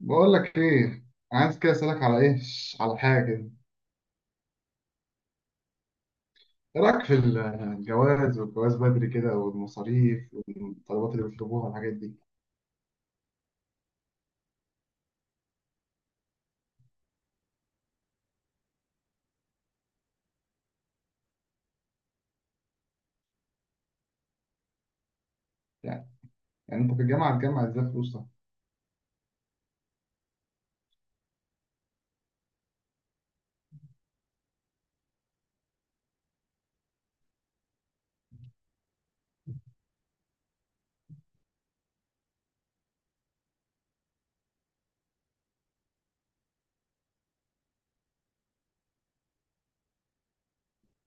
بقول لك ايه، عايز كده اسالك على ايه، على حاجه كده. ايه رايك في الجواز والجواز بدري كده والمصاريف والطلبات اللي بيطلبوها والحاجات دي؟ يعني يعني انت في الجامعه هتجمع ازاي فلوسك؟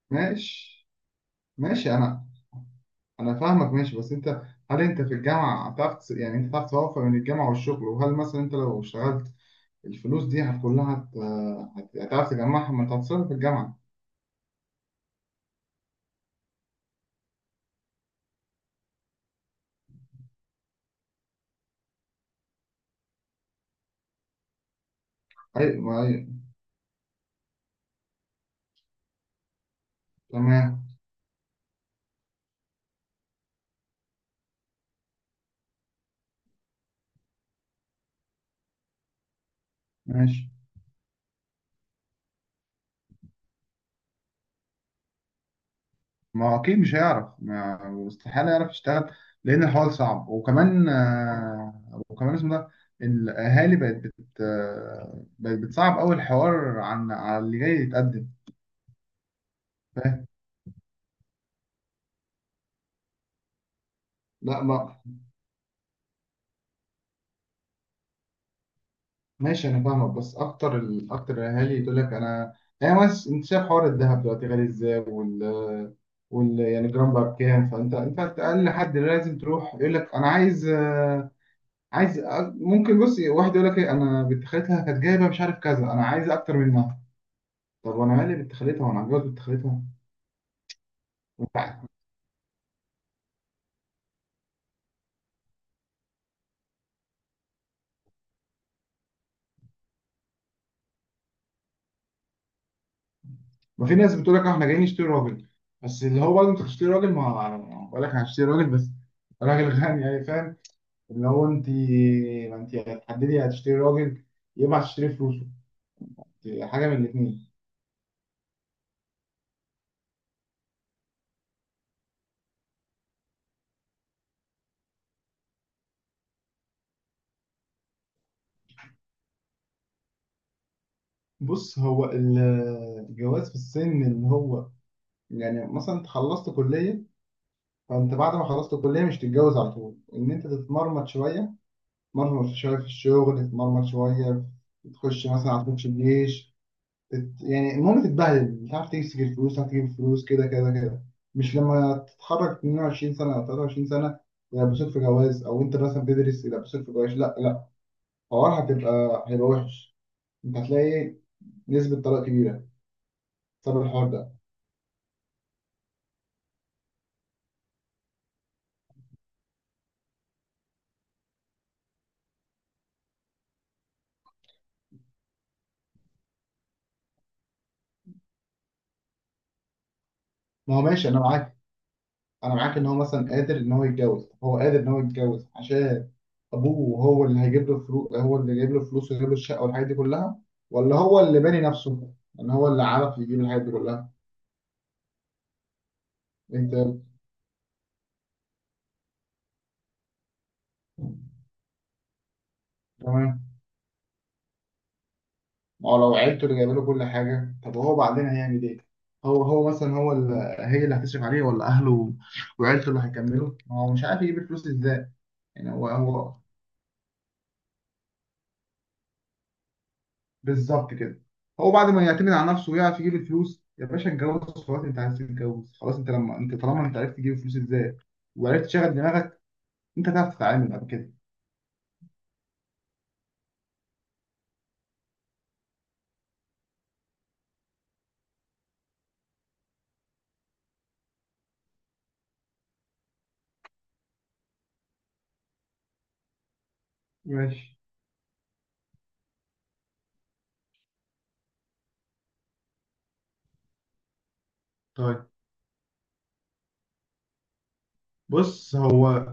ماشي، ماشي. انا فاهمك، ماشي، بس انت. هل انت في الجامعه يعني انت هتعرف توفق بين الجامعه والشغل؟ وهل مثلا انت لو اشتغلت الفلوس دي هتعرف تجمعها، ما انت هتصرف في الجامعه. ايوه، ايوه. تمام، ماشي. ما هو اكيد مش هيعرف، ما استحاله يعرف يشتغل، لان الحوار صعب. وكمان وكمان اسمه ده، الاهالي بقت بت آه، بقت بتصعب قوي الحوار عن على اللي جاي يتقدم. فاهم. لا، ما ماشي، انا فاهمك، بس اكتر اكتر الاهالي يقول لك: انا، يعني بس انت شايف حوار الذهب دلوقتي غالي ازاي، وال يعني جرام بقى بكام؟ فانت اقل حد لازم تروح يقول لك: انا عايز عايز. ممكن بص واحد يقول لك ايه: انا بنت خالتها كانت جايبه مش عارف كذا، انا عايز اكتر منها. طب وانا مالي بنت خالتها، وانا هتجوز بنت خالتها؟ وانت عارف. ما في ناس بتقول لك: اه، احنا جايين نشتري راجل. بس اللي هو برضه انت هتشتري راجل، ما بقول لك انا هشتري راجل، بس راجل غني، يعني فاهم. اللي هو انت، ما انت هتحددي هتشتري راجل، يبقى هتشتري فلوسه. حاجه من الاثنين. بص هو ال- الجواز في السن اللي هو، يعني مثلا انت خلصت كليه، فانت بعد ما خلصت الكليه مش تتجوز على طول، ان انت تتمرمط شويه، تتمرمط شوية في الشغل، تتمرمط شوية، تخش مثلا على تخش الجيش. يعني المهم تتبهدل، مش عارف تمسك الفلوس، مش عارف تجيب الفلوس، كده كده كده. مش لما تتخرج 22 سنة أو 23 سنة يلبسوك في جواز، أو أنت مثلا بتدرس يلبسوك في جواز؟ لا لا، الحوار هيبقى وحش. أنت هتلاقي نسبة طلاق كبيرة بسبب الحوار ده. ما هو ماشي، أنا معاك. أنا معاك إن هو مثلا قادر إن هو يتجوز، هو قادر إن هو يتجوز عشان ابوه، هو اللي هيجيب له فلوس، هو اللي جايب له فلوس ويجيب له الشقه والحاجات دي كلها، ولا هو اللي باني نفسه ان هو اللي عرف يجيب الحاجات دي كلها. انت، تمام. ما هو لو عيلته اللي جايبه له كل حاجه، طب هو بعدين هيعمل ايه؟ هو هو مثلا، هو اللي هي اللي هتصرف عليه ولا اهله وعيلته اللي هيكملوا؟ ما هو مش عارف يجيب الفلوس ازاي. يعني هو هو بالظبط كده. هو بعد ما يعتمد على نفسه ويعرف يجيب الفلوس، يا باشا اتجوز خلاص. انت عايز تتجوز خلاص. انت لما انت طالما انت عرفت تجيب الفلوس ازاي وعرفت تشغل دماغك، انت هتعرف تتعامل بعد كده. ماشي، طيب، بص. هو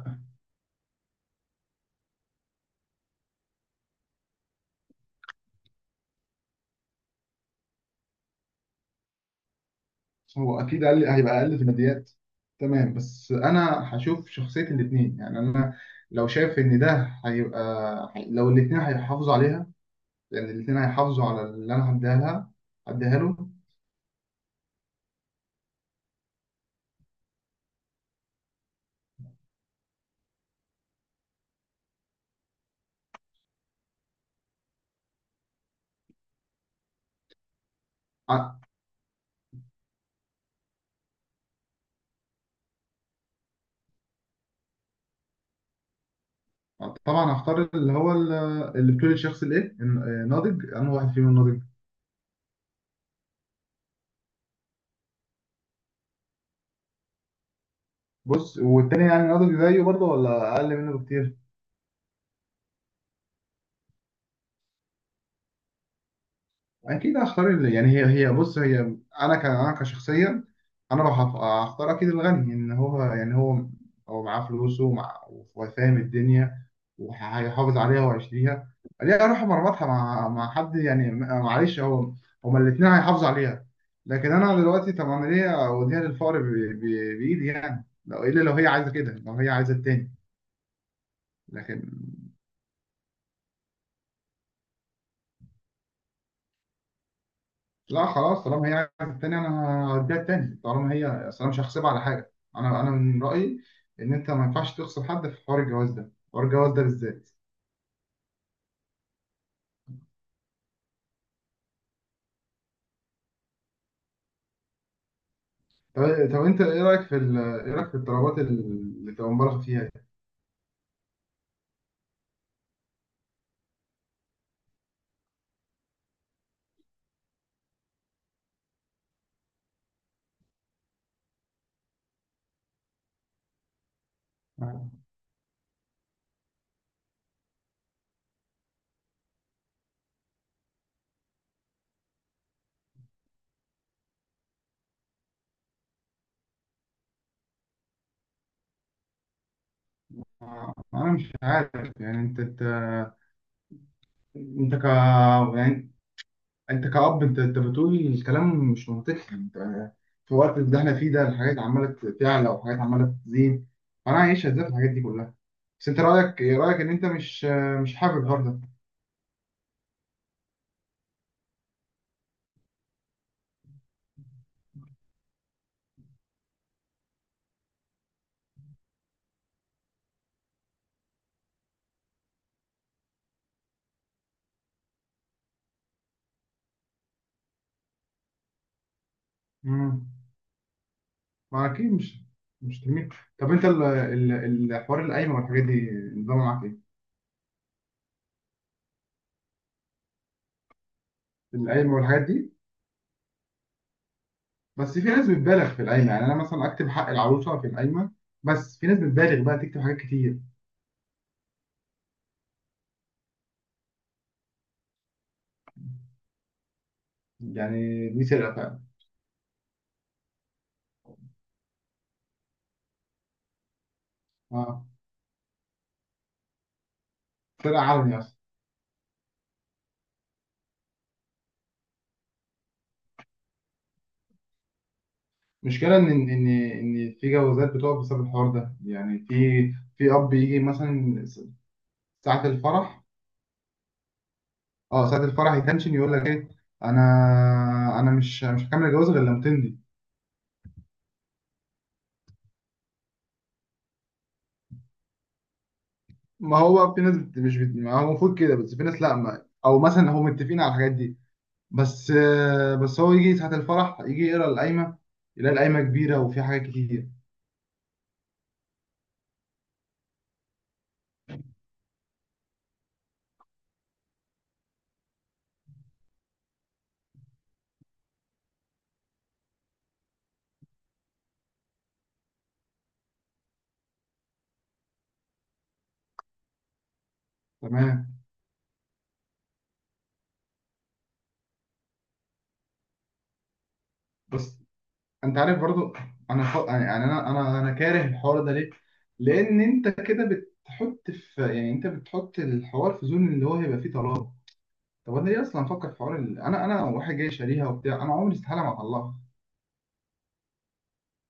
هو اكيد اقل، هيبقى اقل في الماديات، تمام. بس انا هشوف شخصيه الاثنين، يعني انا لو شايف ان ده هيبقى، لو الاثنين هيحافظوا عليها، يعني الاثنين هيحافظوا على اللي انا هديها لها، هديها له. ع- طبعا هختار اللي بتقول الشخص الايه الناضج، انا واحد فيهم الناضج. بص، والتاني يعني ناضج زيه برضه ولا اقل منه بكتير؟ اكيد هختار يعني هي هي، بص هي. انا كشخصيا، انا لو هختار اكيد الغني، ان هو يعني هو، هو معاه فلوسه ومع، وفاهم الدنيا، وهيحافظ عليها وهيشتريها. ليه اروح مربطها مع حد يعني؟ معلش. هو هما الاثنين هيحافظوا عليها، لكن انا دلوقتي، طب انا ليه اوديها للفقر ب- بايدي؟ يعني لو هي عايزه كده، لو هي عايزه التاني. لكن، لا خلاص، طالما هي عايزه التاني، انا هديها التاني، طالما هي، اصل انا مش هحسبها على حاجه. انا من رايي ان انت ما ينفعش تخسر حد في حوار الجواز ده، حوار الجواز ده بالذات. طب، طب انت ايه رايك في ايه رايك في الطلبات اللي بتبقى مبالغ فيها دي؟ انا مش عارف. يعني انت يعني انت كأب، انت بتقول الكلام مش منطقي؟ انت في الوقت اللي احنا فيه ده الحاجات عماله تعلى وحاجات عماله تزيد، فانا عايش ازاي في الحاجات دي كلها؟ بس انت رايك ايه، رايك ان انت مش حابب الحوار ده؟ امم ما اكيد مش، تميل. طب انت الحوار القايمه والحاجات دي نظامه معاك ايه؟ القايمه والحاجات دي. بس في ناس بتبالغ في القايمه، يعني انا مثلا اكتب حق العروسه في القايمه، بس في ناس بتبالغ بقى تكتب حاجات كتير. يعني دي سرقه فعلا. اه، سرقه علني اصلا. المشكلة إن في جوازات بتقف بسبب الحوار ده. يعني في، في أب يجي مثلا ساعة الفرح. ساعة الفرح يتنشن يقول لك إيه: أنا، أنا مش هكمل الجواز غير لما تندي. ما هو في ناس بت- مش بت- ما هو المفروض كده، بس في ناس لأ، ما أو مثلا هم متفقين على الحاجات دي، بس بس هو يجي ساعة الفرح، يجي يقرا القايمة، يلاقي القايمة كبيرة وفيها حاجات كتير. تمام، بس انت عارف برضو. انا يعني، يعني انا كاره الحوار ده ليه؟ لان انت كده بتحط في، يعني انت بتحط الحوار في زون اللي هو هيبقى فيه طلاق. طب انا ليه اصلا افكر في حوار انا واحد جاي شاريها وبتاع، انا عمري استحاله ما اطلقها.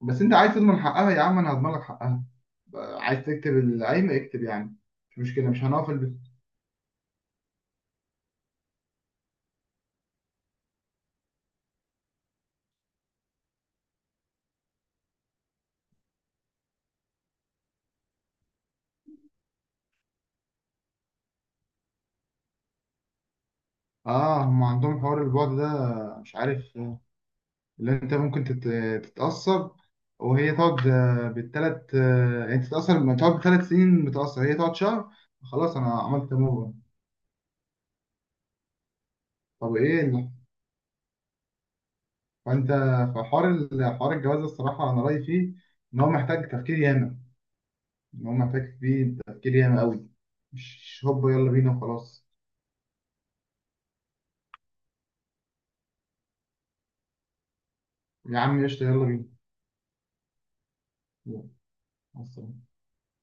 بس انت عايز تضمن حقها، يا عم انا هضمن لك حقها. بقى عايز تكتب العيب، اكتب يعني. مش مشكله، مش هنقف البيت. اه، هم عندهم حوار البعد ده مش عارف. اللي انت ممكن تتأثر، وهي تقعد بالتلات يعني تتأثر، ما تقعد ب3 سنين متأثر، هي تقعد شهر، خلاص، أنا عملت موفا. طب إيه فأنت في حوار حوار الجواز ده الصراحة، أنا رأيي فيه إن هو محتاج تفكير ياما، إن هو محتاج فيه تفكير ياما أوي، مش هوبا يلا بينا وخلاص. يا عم قشطة، يلا بينا. يلا، مع السلامة.